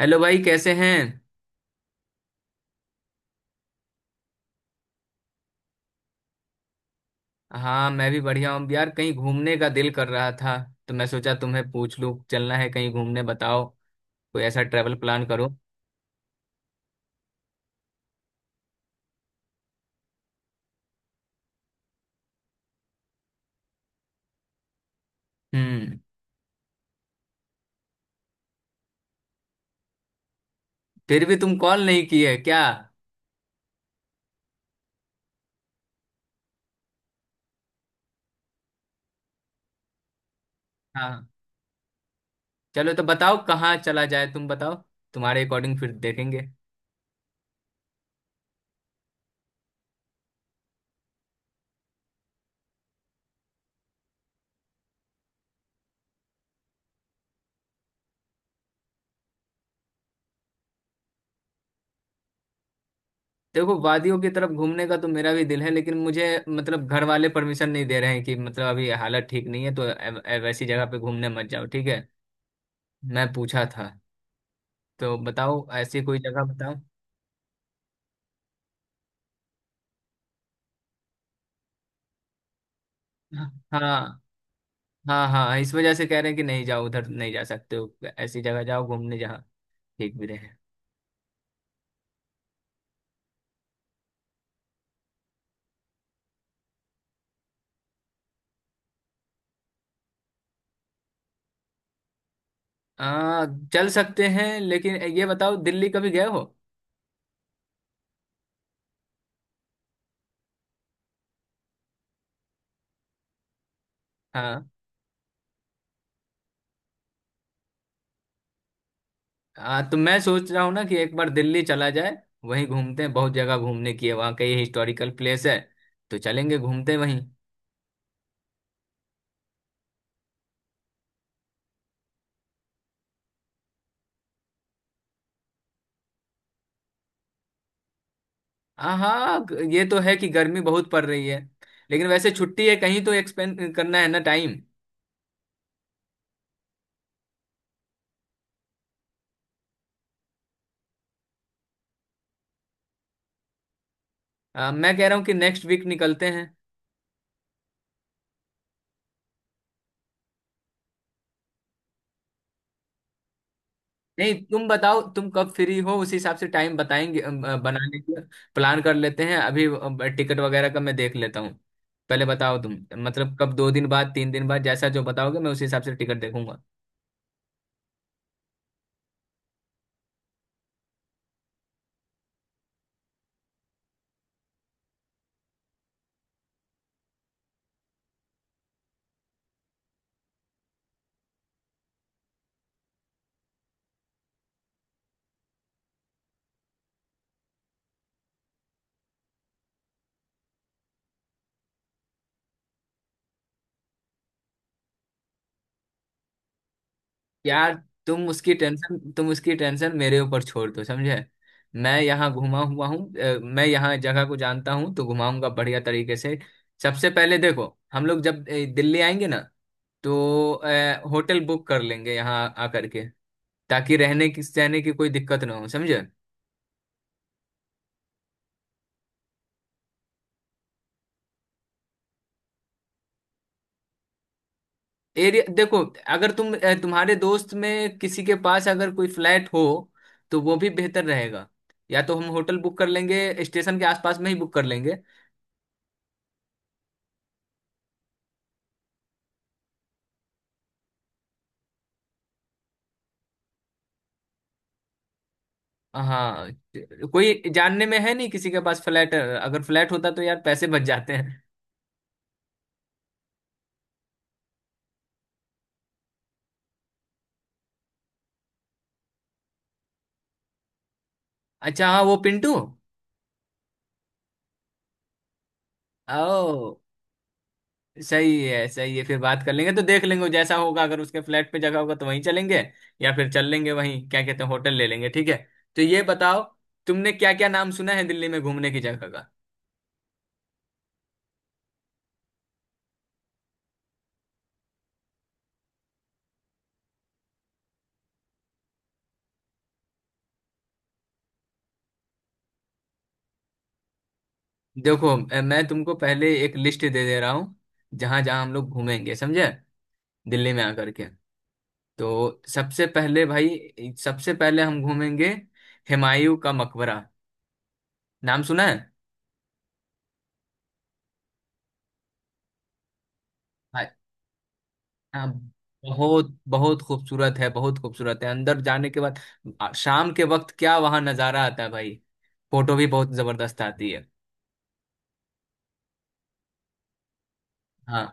Hello भाई, कैसे हैं? हाँ, मैं भी बढ़िया हूँ यार। कहीं घूमने का दिल कर रहा था, तो मैं सोचा तुम्हें पूछ लूँ, चलना है कहीं घूमने? बताओ। कोई ऐसा ट्रेवल प्लान करो। हम्म। फिर भी तुम कॉल नहीं किए क्या? हाँ। चलो, तो बताओ कहाँ चला जाए, तुम बताओ, तुम्हारे अकॉर्डिंग फिर देखेंगे। देखो, वादियों की तरफ घूमने का तो मेरा भी दिल है, लेकिन मुझे मतलब घर वाले परमिशन नहीं दे रहे हैं कि मतलब अभी हालत ठीक नहीं है, तो वैसी जगह पे घूमने मत जाओ, ठीक है। मैं पूछा था। तो बताओ, ऐसी कोई जगह बताओ। हाँ, हाँ, हाँ, इस वजह से कह रहे हैं कि नहीं जाओ, उधर नहीं जा सकते हो। ऐसी जगह जाओ घूमने जहाँ ठीक भी रहे। आ, चल सकते हैं, लेकिन ये बताओ, दिल्ली कभी गए हो? हाँ। तो मैं सोच रहा हूँ ना कि एक बार दिल्ली चला जाए, वहीं घूमते हैं, बहुत जगह घूमने की है वहाँ, कई हिस्टोरिकल प्लेस है, तो चलेंगे, घूमते हैं वहीं। हाँ, ये तो है कि गर्मी बहुत पड़ रही है, लेकिन वैसे छुट्टी है, कहीं तो एक्सपेंड करना है ना टाइम। मैं कह रहा हूँ कि नेक्स्ट वीक निकलते हैं। नहीं, तुम बताओ तुम कब फ्री हो, उसी हिसाब से टाइम बताएंगे बनाने के। प्लान कर लेते हैं अभी, टिकट वगैरह का मैं देख लेता हूँ। पहले बताओ तुम, मतलब कब? 2 दिन बाद, 3 दिन बाद, जैसा जो बताओगे मैं उसी हिसाब से टिकट देखूंगा। यार, तुम उसकी टेंशन मेरे ऊपर छोड़ दो, समझे? मैं यहाँ घुमा हुआ हूँ, मैं यहाँ जगह को जानता हूँ, तो घुमाऊंगा बढ़िया तरीके से। सबसे पहले देखो, हम लोग जब दिल्ली आएंगे ना, तो होटल बुक कर लेंगे यहाँ आकर के, ताकि रहने की सहने की कोई दिक्कत ना हो, समझे? एरिया देखो, अगर तुम तुम्हारे दोस्त में किसी के पास अगर कोई फ्लैट हो, तो वो भी बेहतर रहेगा, या तो हम होटल बुक कर लेंगे, स्टेशन के आसपास में ही बुक कर लेंगे। हाँ, कोई जानने में है नहीं किसी के पास फ्लैट, अगर फ्लैट होता तो यार पैसे बच जाते हैं। अच्छा, हाँ, वो पिंटू। ओ। सही है, सही है, फिर बात कर लेंगे, तो देख लेंगे वो जैसा होगा, अगर उसके फ्लैट पे जगह होगा तो वहीं चलेंगे, या फिर चल लेंगे वहीं, क्या कहते हैं, होटल ले लेंगे, ठीक है। तो ये बताओ, तुमने क्या क्या नाम सुना है दिल्ली में घूमने की जगह का? देखो, मैं तुमको पहले एक लिस्ट दे दे रहा हूँ, जहां जहां हम लोग घूमेंगे, समझे, दिल्ली में आकर के। तो सबसे पहले भाई, सबसे पहले हम घूमेंगे हुमायूं का मकबरा, नाम सुना है? हाँ। हाँ, बहुत बहुत खूबसूरत है, बहुत खूबसूरत है अंदर जाने के बाद। शाम के वक्त क्या वहां नजारा आता है भाई, फोटो भी बहुत जबरदस्त आती है। हाँ,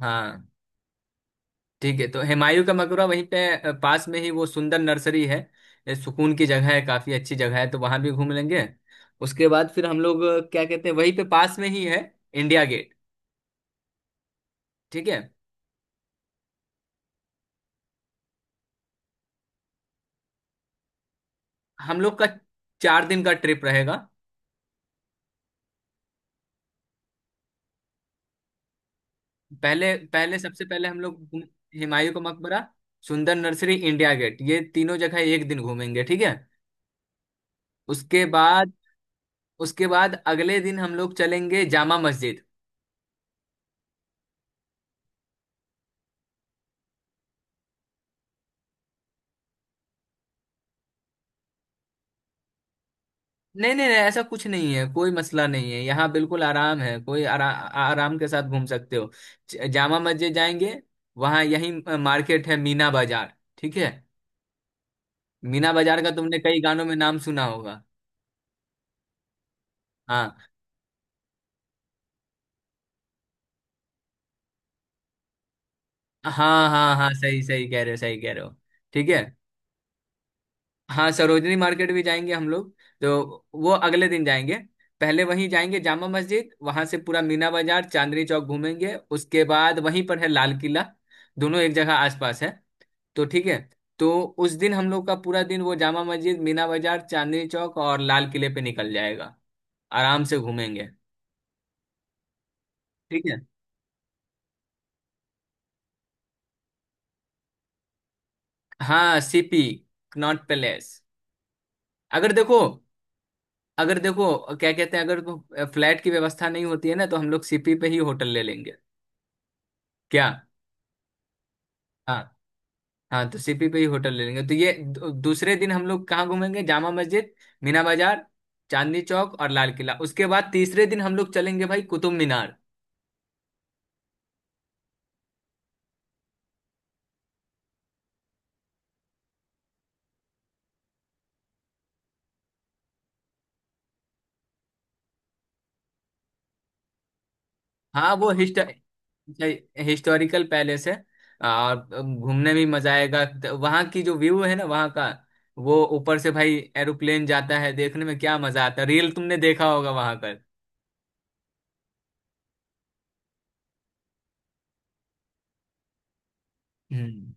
हाँ। ठीक है, तो हुमायूं का मकबरा वहीं पे, पास में ही वो सुंदर नर्सरी है, ये सुकून की जगह है, काफी अच्छी जगह है, तो वहां भी घूम लेंगे। उसके बाद फिर हम लोग क्या कहते हैं, वहीं पे पास में ही है इंडिया गेट, ठीक है। हम लोग का 4 दिन का ट्रिप रहेगा। पहले पहले सबसे पहले हम लोग हुमायूं का मकबरा, सुंदर नर्सरी, इंडिया गेट, ये तीनों जगह एक दिन घूमेंगे, ठीक है। उसके बाद उसके बाद अगले दिन हम लोग चलेंगे जामा मस्जिद। नहीं, नहीं, नहीं, ऐसा कुछ नहीं है, कोई मसला नहीं है यहाँ, बिल्कुल आराम है, कोई आराम के साथ घूम सकते हो। जामा मस्जिद जाएंगे, वहाँ यही मार्केट है, मीना बाजार, ठीक है। मीना बाजार का तुमने कई गानों में नाम सुना होगा। हाँ, हाँ, हाँ, हाँ, सही सही कह रहे हो, सही कह रहे हो, ठीक है। हाँ, सरोजनी मार्केट भी जाएंगे हम लोग, तो वो अगले दिन जाएंगे। पहले वहीं जाएंगे जामा मस्जिद, वहां से पूरा मीना बाजार, चांदनी चौक घूमेंगे, उसके बाद वहीं पर है लाल किला, दोनों एक जगह आसपास है, तो ठीक है। तो उस दिन हम लोग का पूरा दिन वो जामा मस्जिद, मीना बाजार, चांदनी चौक और लाल किले पे निकल जाएगा, आराम से घूमेंगे, ठीक है। हाँ, सीपी, कनॉट पैलेस। अगर देखो अगर देखो, क्या कहते हैं, अगर फ्लैट की व्यवस्था नहीं होती है ना, तो हम लोग सीपी पे ही होटल ले लेंगे, क्या। हाँ, हाँ, तो सीपी पे ही होटल ले लेंगे, तो ये दूसरे दिन हम लोग कहाँ घूमेंगे? जामा मस्जिद, मीना बाजार, चांदनी चौक और लाल किला। उसके बाद तीसरे दिन हम लोग चलेंगे भाई कुतुब मीनार। हाँ, वो हिस्ट अच्छा, हिस्टोरिकल पैलेस है, और घूमने में भी मजा आएगा, तो वहाँ की जो व्यू है ना वहाँ का, वो ऊपर से भाई एरोप्लेन जाता है, देखने में क्या मजा आता है, रियल! तुमने देखा होगा वहाँ का। हम्म।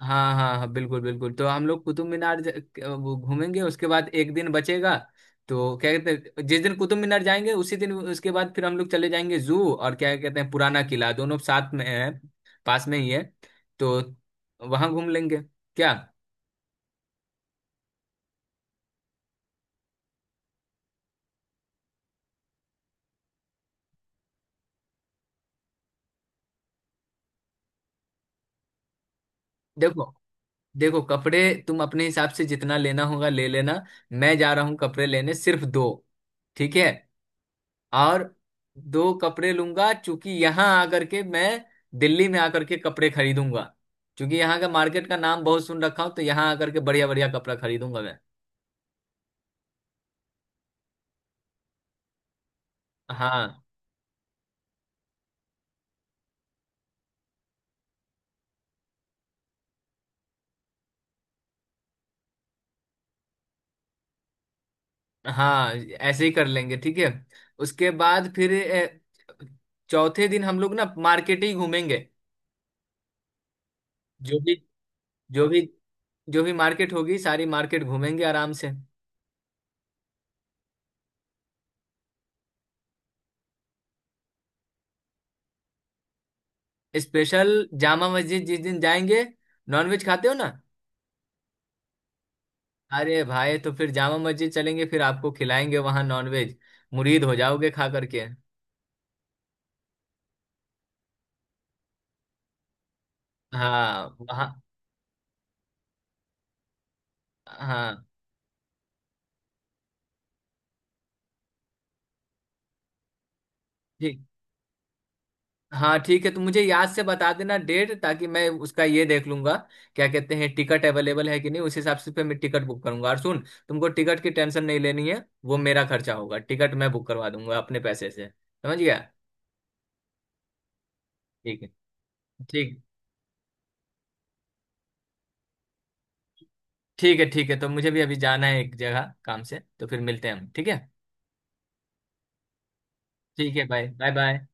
हाँ, हाँ, हाँ, बिल्कुल, बिल्कुल, तो हम लोग कुतुब मीनार वो घूमेंगे, उसके बाद एक दिन बचेगा। तो क्या कहते हैं, जिस दिन कुतुब मीनार जाएंगे, उसी दिन उसके बाद फिर हम लोग चले जाएंगे जू और क्या कहते हैं, पुराना किला, दोनों साथ में है, पास में ही है, तो वहां घूम लेंगे, क्या। देखो, देखो, कपड़े तुम अपने हिसाब से जितना लेना होगा ले लेना, मैं जा रहा हूँ कपड़े लेने सिर्फ दो, ठीक है। और दो कपड़े लूंगा, चूंकि यहाँ आकर के मैं, दिल्ली में आकर के कपड़े खरीदूंगा, क्योंकि यहाँ का मार्केट का नाम बहुत सुन रखा हूँ, तो यहाँ आकर के बढ़िया बढ़िया कपड़ा खरीदूंगा मैं। हाँ, हाँ, ऐसे ही कर लेंगे, ठीक है। उसके बाद फिर चौथे दिन हम लोग ना मार्केट ही घूमेंगे, जो भी, जो भी, जो भी मार्केट होगी, सारी मार्केट घूमेंगे आराम से। स्पेशल, जामा मस्जिद जिस दिन जाएंगे, नॉनवेज खाते हो ना? अरे भाई, तो फिर जामा मस्जिद चलेंगे, फिर आपको खिलाएंगे वहां नॉनवेज, मुरीद हो जाओगे खा करके। हाँ, वहाँ। हाँ, ठीक। हाँ ठीक है, तो मुझे याद से बता देना डेट, ताकि मैं उसका ये देख लूंगा, क्या कहते हैं, टिकट अवेलेबल है कि नहीं, उस हिसाब से फिर मैं टिकट बुक करूंगा। और सुन, तुमको टिकट की टेंशन नहीं लेनी है, वो मेरा खर्चा होगा, टिकट मैं बुक करवा दूंगा अपने पैसे से, समझ गया? ठीक है। ठीक। ठीक है। ठीक है, तो मुझे भी अभी जाना है एक जगह काम से, तो फिर मिलते हैं हम, ठीक है। ठीक है, बाय, बाय, बाय।